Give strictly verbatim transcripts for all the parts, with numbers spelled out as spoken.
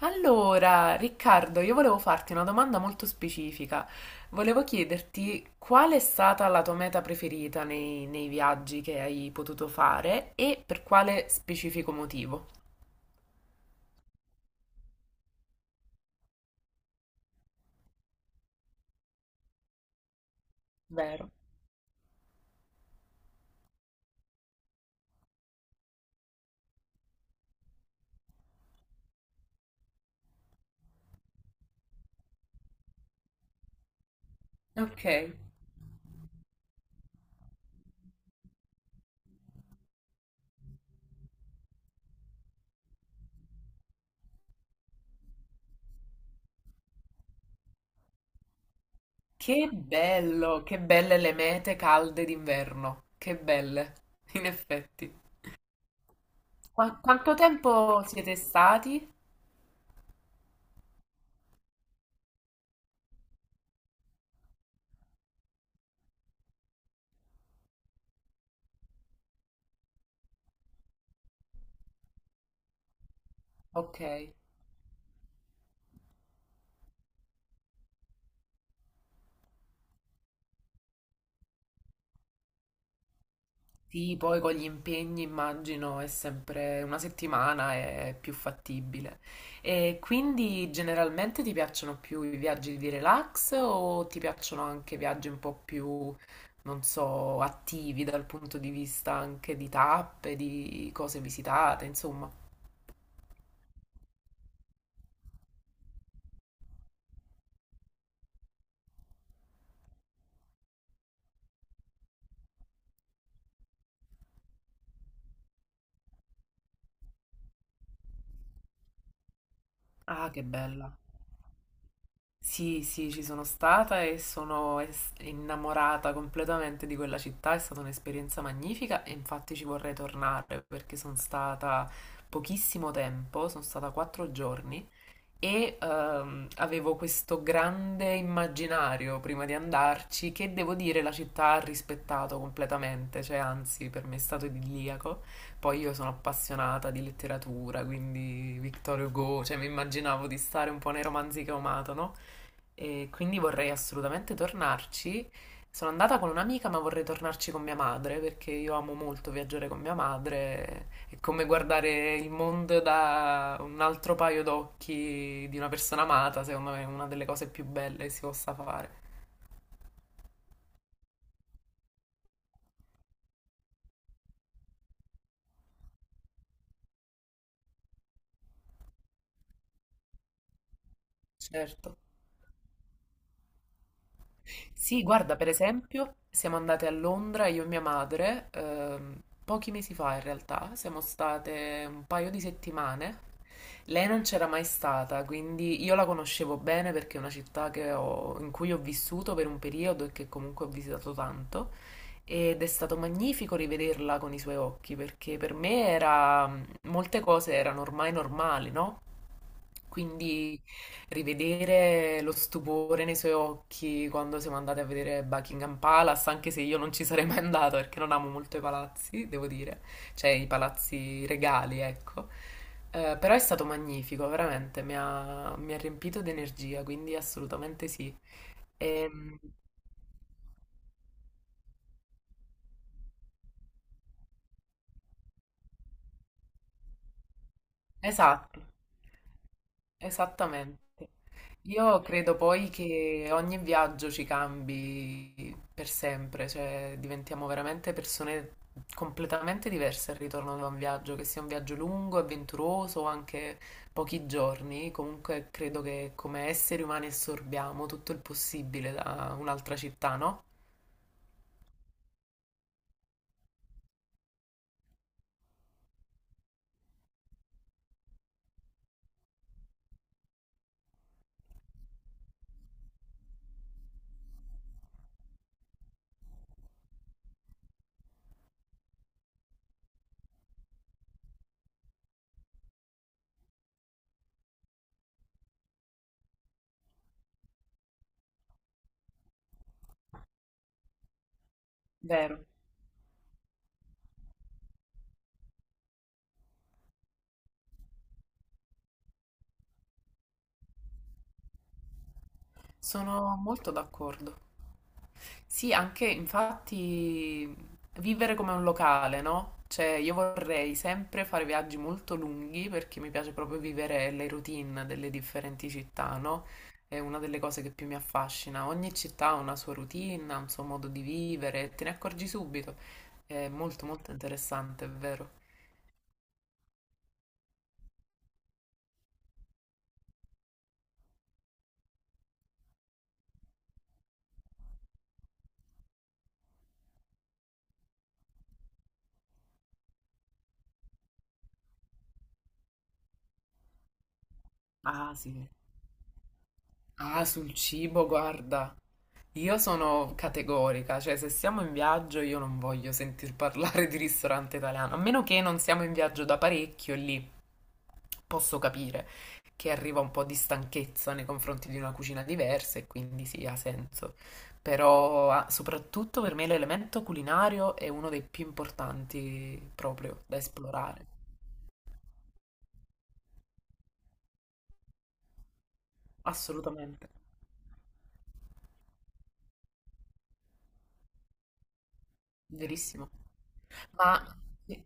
Allora, Riccardo, io volevo farti una domanda molto specifica. Volevo chiederti qual è stata la tua meta preferita nei, nei viaggi che hai potuto fare e per quale specifico motivo. Vero. Ok. Che bello, che belle le mete calde d'inverno. Che belle, in effetti. Qua- quanto tempo siete stati? Ok. Sì, poi con gli impegni immagino è sempre una settimana è più fattibile. E quindi generalmente ti piacciono più i viaggi di relax o ti piacciono anche viaggi un po' più, non so, attivi dal punto di vista anche di tappe, di cose visitate, insomma. Ah, che bella. Sì, sì, ci sono stata e sono es- innamorata completamente di quella città, è stata un'esperienza magnifica e infatti ci vorrei tornare perché sono stata pochissimo tempo, sono stata quattro giorni e ehm, avevo questo grande immaginario prima di andarci che devo dire la città ha rispettato completamente, cioè anzi per me è stato idilliaco. Poi io sono appassionata di letteratura, quindi Victor Hugo, cioè mi immaginavo di stare un po' nei romanzi che ho amato, no? E quindi vorrei assolutamente tornarci. Sono andata con un'amica, ma vorrei tornarci con mia madre perché io amo molto viaggiare con mia madre è come guardare il mondo da un altro paio d'occhi di una persona amata, secondo me è una delle cose più belle che si possa fare. Certo. Sì, guarda, per esempio, siamo andate a Londra, io e mia madre, ehm, pochi mesi fa in realtà, siamo state un paio di settimane. Lei non c'era mai stata, quindi io la conoscevo bene perché è una città che ho- in cui ho vissuto per un periodo e che comunque ho visitato tanto. Ed è stato magnifico rivederla con i suoi occhi perché per me era, molte cose erano ormai normali, no? Quindi rivedere lo stupore nei suoi occhi quando siamo andati a vedere Buckingham Palace, anche se io non ci sarei mai andata perché non amo molto i palazzi, devo dire, cioè i palazzi regali, ecco. Eh, però è stato magnifico, veramente, mi ha, mi ha riempito di energia, quindi assolutamente sì. Ehm, esatto, esattamente. Io credo poi che ogni viaggio ci cambi per sempre, cioè diventiamo veramente persone completamente diverse al ritorno da un viaggio, che sia un viaggio lungo, avventuroso o anche pochi giorni. Comunque credo che come esseri umani assorbiamo tutto il possibile da un'altra città, no? Vero. Sono molto d'accordo. Sì, anche infatti vivere come un locale, no? Cioè, io vorrei sempre fare viaggi molto lunghi perché mi piace proprio vivere le routine delle differenti città, no? È una delle cose che più mi affascina. Ogni città ha una sua routine, ha un suo modo di vivere, te ne accorgi subito. È molto molto interessante, è vero. Ah, sì. Ah, sul cibo, guarda. Io sono categorica, cioè se siamo in viaggio io non voglio sentir parlare di ristorante italiano, a meno che non siamo in viaggio da parecchio, lì posso capire che arriva un po' di stanchezza nei confronti di una cucina diversa e quindi sì, ha senso. Però ah, soprattutto per me l'elemento culinario è uno dei più importanti proprio da esplorare. Assolutamente, verissimo. Ma sì.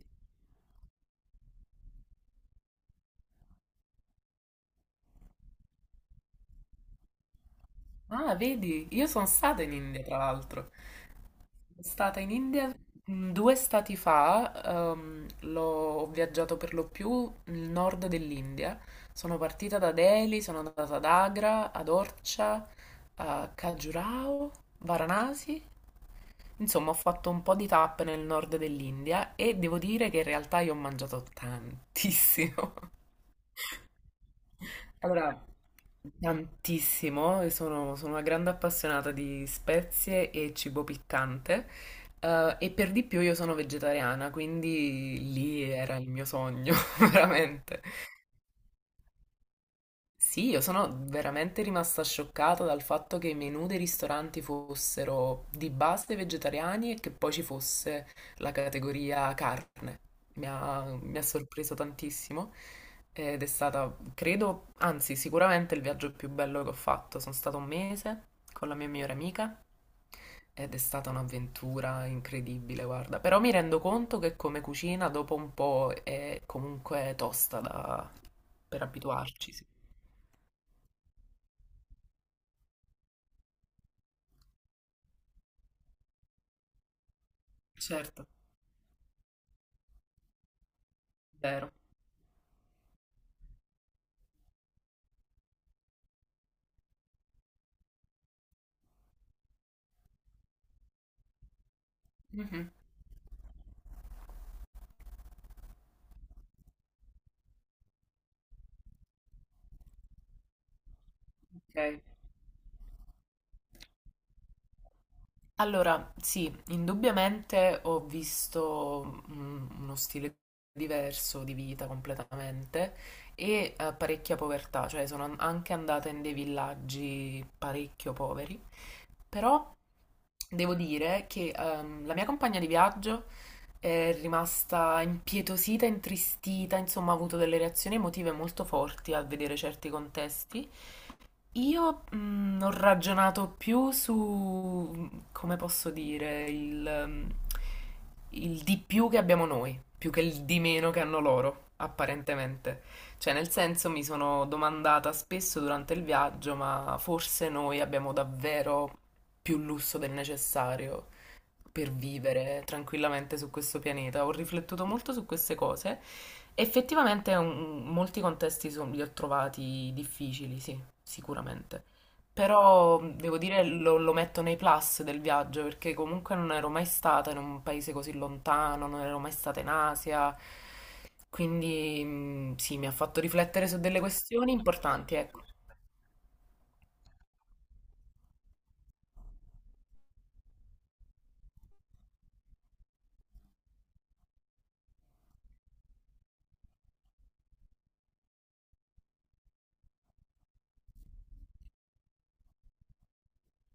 Ah, vedi, io sono stata in India, tra l'altro. Sono stata in India mm, due stati fa, ehm, l'ho, ho viaggiato per lo più nel nord dell'India. Sono partita da Delhi, sono andata ad Agra, ad Orcha, a Khajuraho, Varanasi. Insomma, ho fatto un po' di tappe nel nord dell'India e devo dire che in realtà io ho mangiato tantissimo. Allora, tantissimo, e sono, sono una grande appassionata di spezie e cibo piccante, eh, e per di più io sono vegetariana, quindi lì era il mio sogno, veramente. Sì, io sono veramente rimasta scioccata dal fatto che i menù dei ristoranti fossero di base vegetariani e che poi ci fosse la categoria carne. Mi ha, mi ha sorpreso tantissimo ed è stata, credo, anzi, sicuramente il viaggio più bello che ho fatto. Sono stato un mese con la mia migliore amica ed è stata un'avventura incredibile, guarda. Però mi rendo conto che come cucina dopo un po' è comunque tosta da- per abituarci. Sì. Certo, vero. Mhm. Ok. Allora, sì, indubbiamente ho visto mm, uno stile diverso di vita completamente e eh, parecchia povertà, cioè sono an- anche andata in dei villaggi parecchio poveri, però devo dire che ehm, la mia compagna di viaggio è rimasta impietosita, intristita, insomma ha avuto delle reazioni emotive molto forti al vedere certi contesti. Io mm, ho ragionato più su, come posso dire, il, mm, il di più che abbiamo noi, più che il di meno che hanno loro, apparentemente. Cioè, nel senso, mi sono domandata spesso durante il viaggio, ma forse noi abbiamo davvero più lusso del necessario per vivere tranquillamente su questo pianeta. Ho riflettuto molto su queste cose. Effettivamente, un- molti contesti son- li ho trovati difficili, sì sicuramente. Però mm, devo dire lo, lo metto nei plus del viaggio perché comunque non ero mai stata in un paese così lontano, non ero mai stata in Asia, quindi mm, sì, mi ha fatto riflettere su delle questioni importanti, ecco.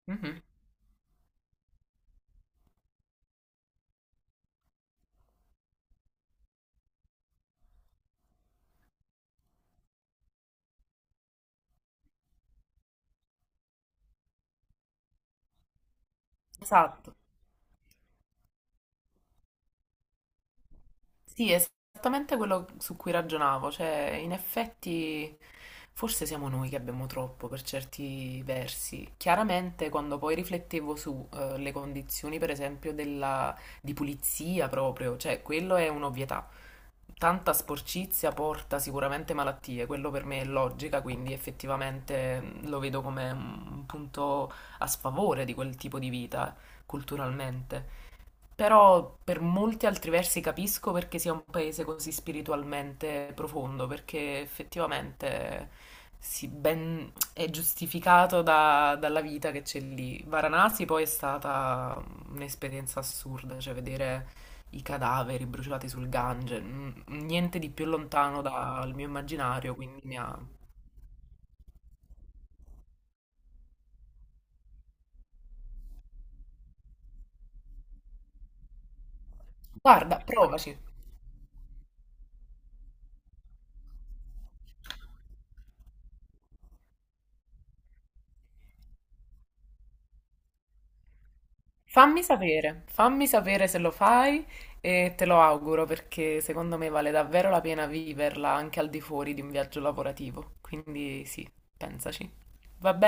Mhm. Esatto. Sì, è esattamente quello su cui ragionavo, cioè in effetti forse siamo noi che abbiamo troppo per certi versi. Chiaramente quando poi riflettevo su eh, le condizioni per esempio della, di pulizia proprio, cioè quello è un'ovvietà. Tanta sporcizia porta sicuramente malattie, quello per me è logica, quindi effettivamente mh, lo vedo come un punto a sfavore di quel tipo di vita culturalmente. Però per molti altri versi capisco perché sia un paese così spiritualmente profondo, perché effettivamente si ben- è giustificato da- dalla vita che c'è lì. Varanasi poi è stata un'esperienza assurda, cioè vedere i cadaveri bruciati sul Gange, n- niente di più lontano dal mio immaginario, quindi mi ha... Guarda, provaci! Fammi sapere, fammi sapere se lo fai e te lo auguro perché secondo me vale davvero la pena viverla anche al di fuori di un viaggio lavorativo. Quindi sì, pensaci. Va bene?